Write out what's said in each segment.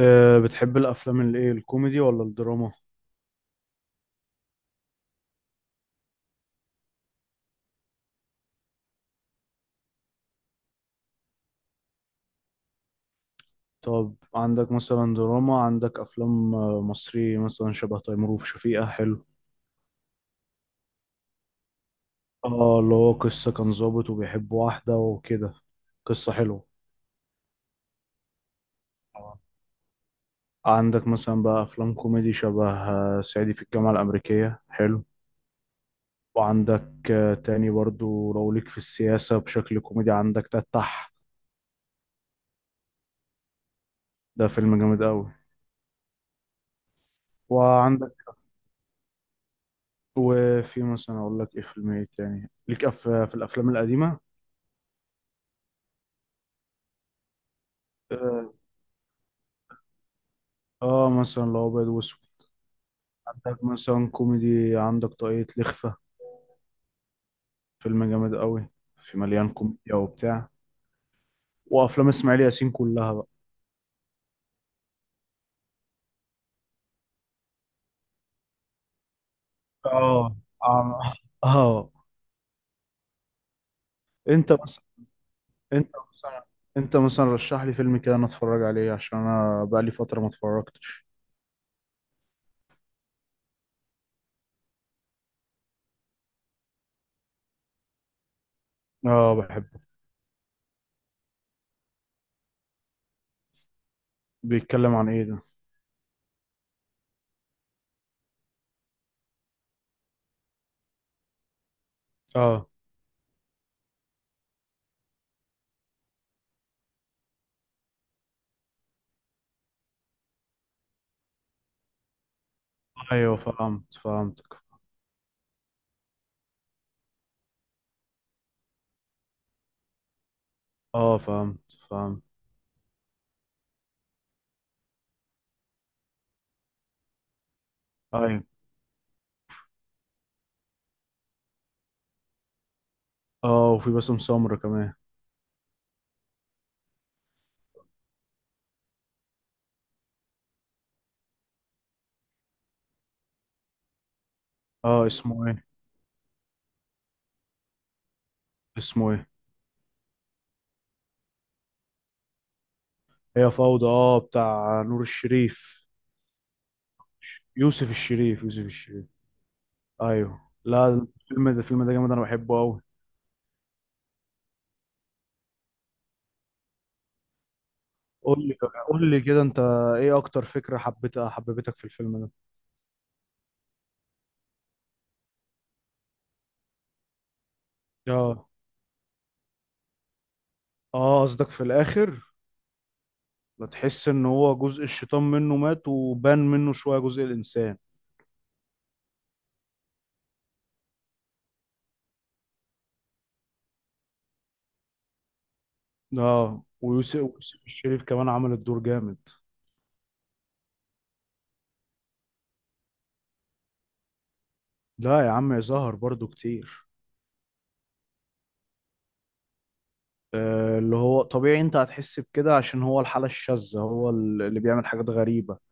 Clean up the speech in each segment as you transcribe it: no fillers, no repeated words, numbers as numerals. أه، بتحب الأفلام الإيه، الكوميدي ولا الدراما؟ طب، عندك مثلا دراما، عندك أفلام مصري مثلا شبه تيمور وشفيقة حلو. اه، اللي هو قصة كان ظابط وبيحب واحدة وكده. قصة حلوة. آه. عندك مثلا بقى أفلام كوميدي شبه صعيدي في الجامعة الأمريكية حلو. وعندك تاني برضو، لو ليك في السياسة بشكل كوميدي، عندك تتح. ده فيلم جامد أوي. وعندك وفي مثلا أقول لك إيه فيلم إيه تاني ليك، في الأفلام القديمة. اه. مثلا لو ابيض واسود، عندك مثلا كوميدي، عندك طاقية لخفة. فيلم جامد قوي، في مليان كوميديا وبتاع. وافلام اسماعيل ياسين كلها بقى. اه. اه. آه. انت مثلا انت مثلا انت مثلا رشح لي فيلم كده انا اتفرج عليه، عشان انا بقالي فترة ما اتفرجتش. اه، بحبه. بيتكلم عن ايه ده؟ اه، ايوه، فهمت، فهمتك. اه، فهمت، فهمت. ايوه. اه، وفي باسم سمرة كمان. اه، اسمه ايه؟ اسمه ايه؟ هي فوضى، اه، بتاع نور الشريف. يوسف الشريف، يوسف الشريف. ايوه. لا. الفيلم ده جامد، انا بحبه قوي. قول لي، قول لي كده انت، ايه اكتر فكرة حبيتها، حببتك في الفيلم ده؟ اه، اه، قصدك في الاخر؟ لا، تحس ان هو جزء الشيطان منه مات وبان منه شوية جزء الانسان. اه، ويوسف الشريف كمان عمل الدور جامد. لا يا عم، ظهر برضو كتير. اللي هو طبيعي، انت هتحس بكده عشان هو الحالة الشاذة، هو اللي بيعمل حاجات غريبة.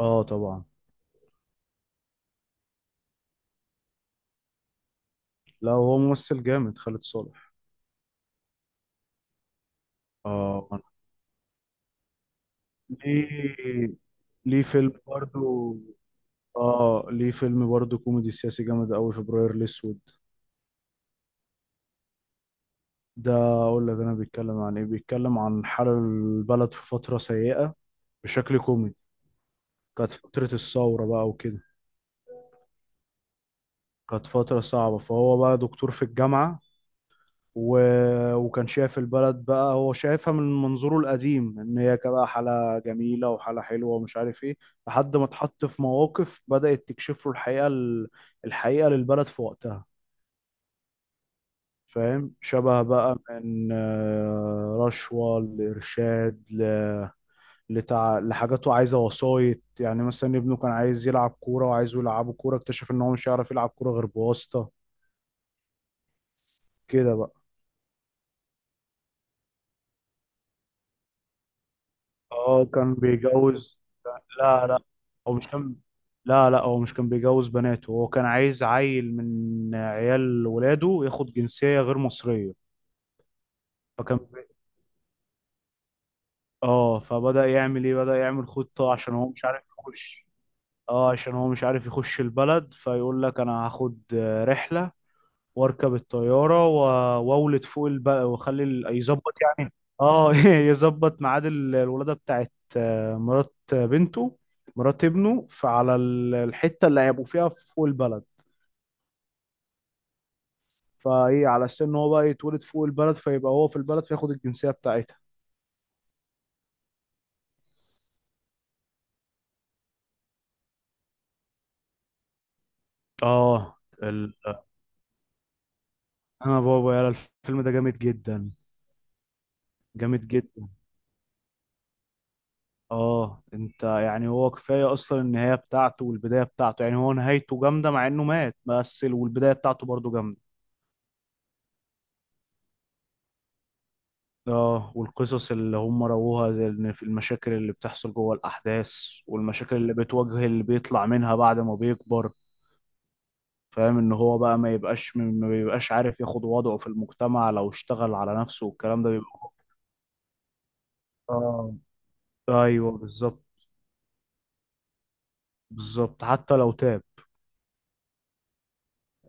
اه طبعا. لا، هو ممثل جامد، خالد صالح. اه، ليه ليه فيلم برضو. اه، ليه فيلم برضو، كوميدي سياسي جامد قوي، فبراير الاسود. ده اقول لك انا، بيتكلم عن ايه؟ بيتكلم عن حال البلد في فترة سيئة، بشكل كوميدي. كانت فترة الثورة بقى وكده. كانت فترة صعبة، فهو بقى دكتور في الجامعة و... وكان شايف البلد، بقى هو شايفها من منظوره القديم، ان هي بقى حالة جميلة وحالة حلوة ومش عارف ايه، لحد ما اتحط في مواقف بدأت تكشف له الحقيقة، الحقيقة للبلد في وقتها. فاهم، شبه بقى من رشوة، لإرشاد، لحاجاته عايزة وسايط، يعني مثلا ابنه كان عايز يلعب كورة وعايزه يلعبه كورة، اكتشف ان هو مش هيعرف يلعب كورة غير بواسطة. كده بقى. اه، كان بيجوز. لا، لا، هو مش كان لا، لا، هو مش كان بيجوز بناته. هو كان عايز عيل من عيال ولاده ياخد جنسية غير مصرية. فكان بي- اه، فبدأ يعمل ايه؟ بدأ يعمل خطة، عشان هو مش عارف يخش. اه، عشان هو مش عارف يخش البلد، فيقول لك انا هاخد رحلة، واركب الطياره واولد فوق البقى، واخلي يظبط يعني. اه، يظبط ميعاد الولاده بتاعت مرات بنته، مرات ابنه، فعلى الحته اللي هيبقوا فيها فوق البلد، فايه على اساس ان هو بقى يتولد فوق البلد، فيبقى هو في البلد فياخد الجنسيه بتاعتها. اه، ال... انا بابا يا، الفيلم ده جامد جدا. جامد جدا. اه، انت يعني، هو كفايه اصلا النهايه بتاعته والبدايه بتاعته. يعني هو نهايته جامده مع انه مات، بس والبدايه بتاعته برضه جامده. اه، والقصص اللي هم رووها، زي ان في المشاكل اللي بتحصل جوه الاحداث، والمشاكل اللي بتواجه اللي بيطلع منها بعد ما بيكبر. فاهم ان هو بقى ما يبقاش، ما بيبقاش عارف ياخد وضعه في المجتمع لو اشتغل على نفسه، والكلام ده بيبقى. اه، ايوه، بالظبط. بالظبط، حتى لو تاب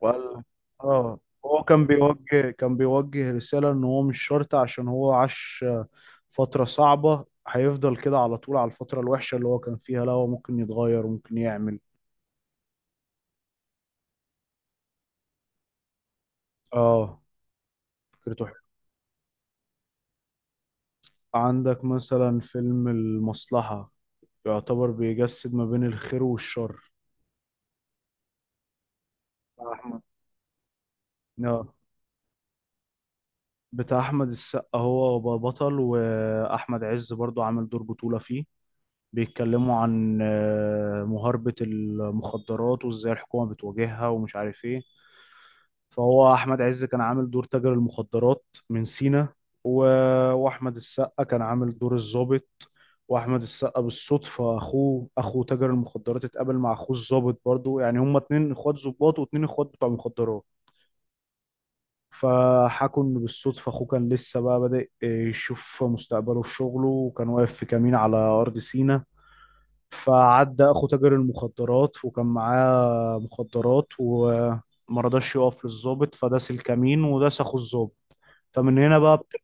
وقال. اه، هو كان بيوجه رسالة ان هو مش شرط، عشان هو عاش فترة صعبة، هيفضل كده على طول على الفترة الوحشة اللي هو كان فيها. لا، هو ممكن يتغير وممكن يعمل. اه، فكرته حلوة. عندك مثلا فيلم المصلحة، يعتبر بيجسد ما بين الخير والشر. بتاع أحمد اه بتاع أحمد السقا، هو بطل، وأحمد عز برضو عامل دور بطولة فيه. بيتكلموا عن مهاربة المخدرات وازاي الحكومة بتواجهها ومش عارف ايه. فهو احمد عز كان عامل دور تاجر المخدرات من سينا، و... واحمد السقا كان عامل دور الضابط. واحمد السقا بالصدفة اخوه، اخو تاجر المخدرات، اتقابل مع اخوه الضابط برضو. يعني هما اتنين اخوات ضباط واتنين اخوات بتوع مخدرات. فحكوا ان بالصدفة اخوه كان لسه بقى بادئ يشوف مستقبله في شغله، وكان واقف في كمين على ارض سينا، فعدى اخو تاجر المخدرات وكان معاه مخدرات وما رضاش يقف للظابط، فداس الكمين وداس اخو الظابط. فمن هنا بقى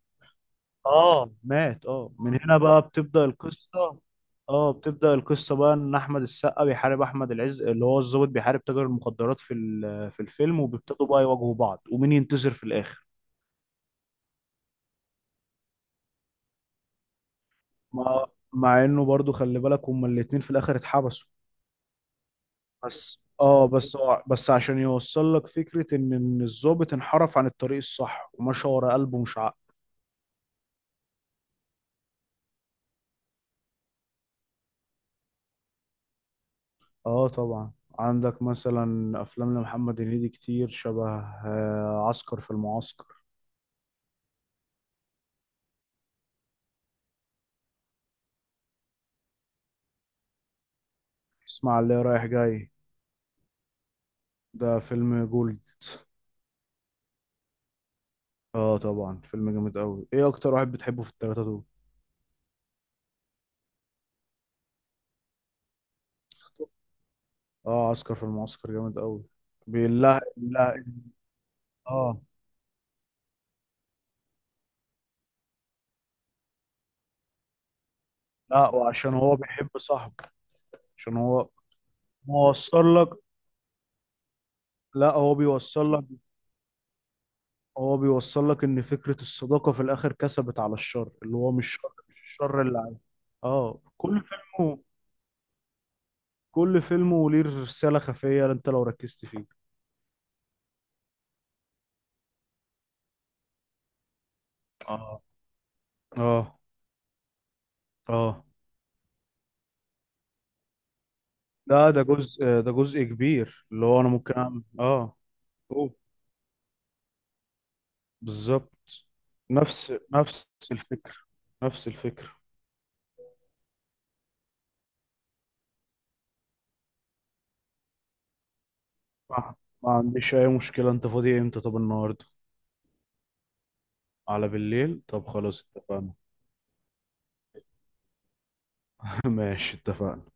اه مات. اه، من هنا بقى بتبدأ القصة. اه، بتبدأ القصة بقى، ان احمد السقا بيحارب احمد العز، اللي هو الظابط بيحارب تاجر المخدرات في الفيلم، وبيبتدوا بقى يواجهوا بعض، ومين ينتصر في الاخر. مع مع انه برضو خلي بالك، هما الاتنين في الاخر اتحبسوا. بس اه بس هو- بس عشان يوصل لك فكرة ان الضابط انحرف عن الطريق الصح، ومشى ورا قلبه مش عقله. اه طبعا. عندك مثلا افلام لمحمد هنيدي كتير، شبه عسكر في المعسكر. اسمع، اللي رايح جاي، ده فيلم جولد. اه طبعا، فيلم جامد قوي. ايه اكتر واحد بتحبه في التلاتة دول؟ اه، عسكر في المعسكر جامد قوي. بالله، لا. اه، لا، وعشان هو بيحب صاحبه. عشان هو موصل لك لا، هو بيوصل لك ان فكرة الصداقة في الاخر كسبت على الشر، اللي هو مش شر، مش الشر اللي عايز. اه، كل فيلمه ليه رسالة خفية انت لو ركزت فيه. اه، اه، اه، ده ده جزء كبير، اللي هو انا ممكن اعمل أوه. بالظبط. نفس الفكرة. نفس الفكرة. آه. ما عنديش اي مشكلة. انت فاضي امتى؟ طب، النهاردة؟ على بالليل؟ طب خلاص، اتفقنا. ماشي، اتفقنا.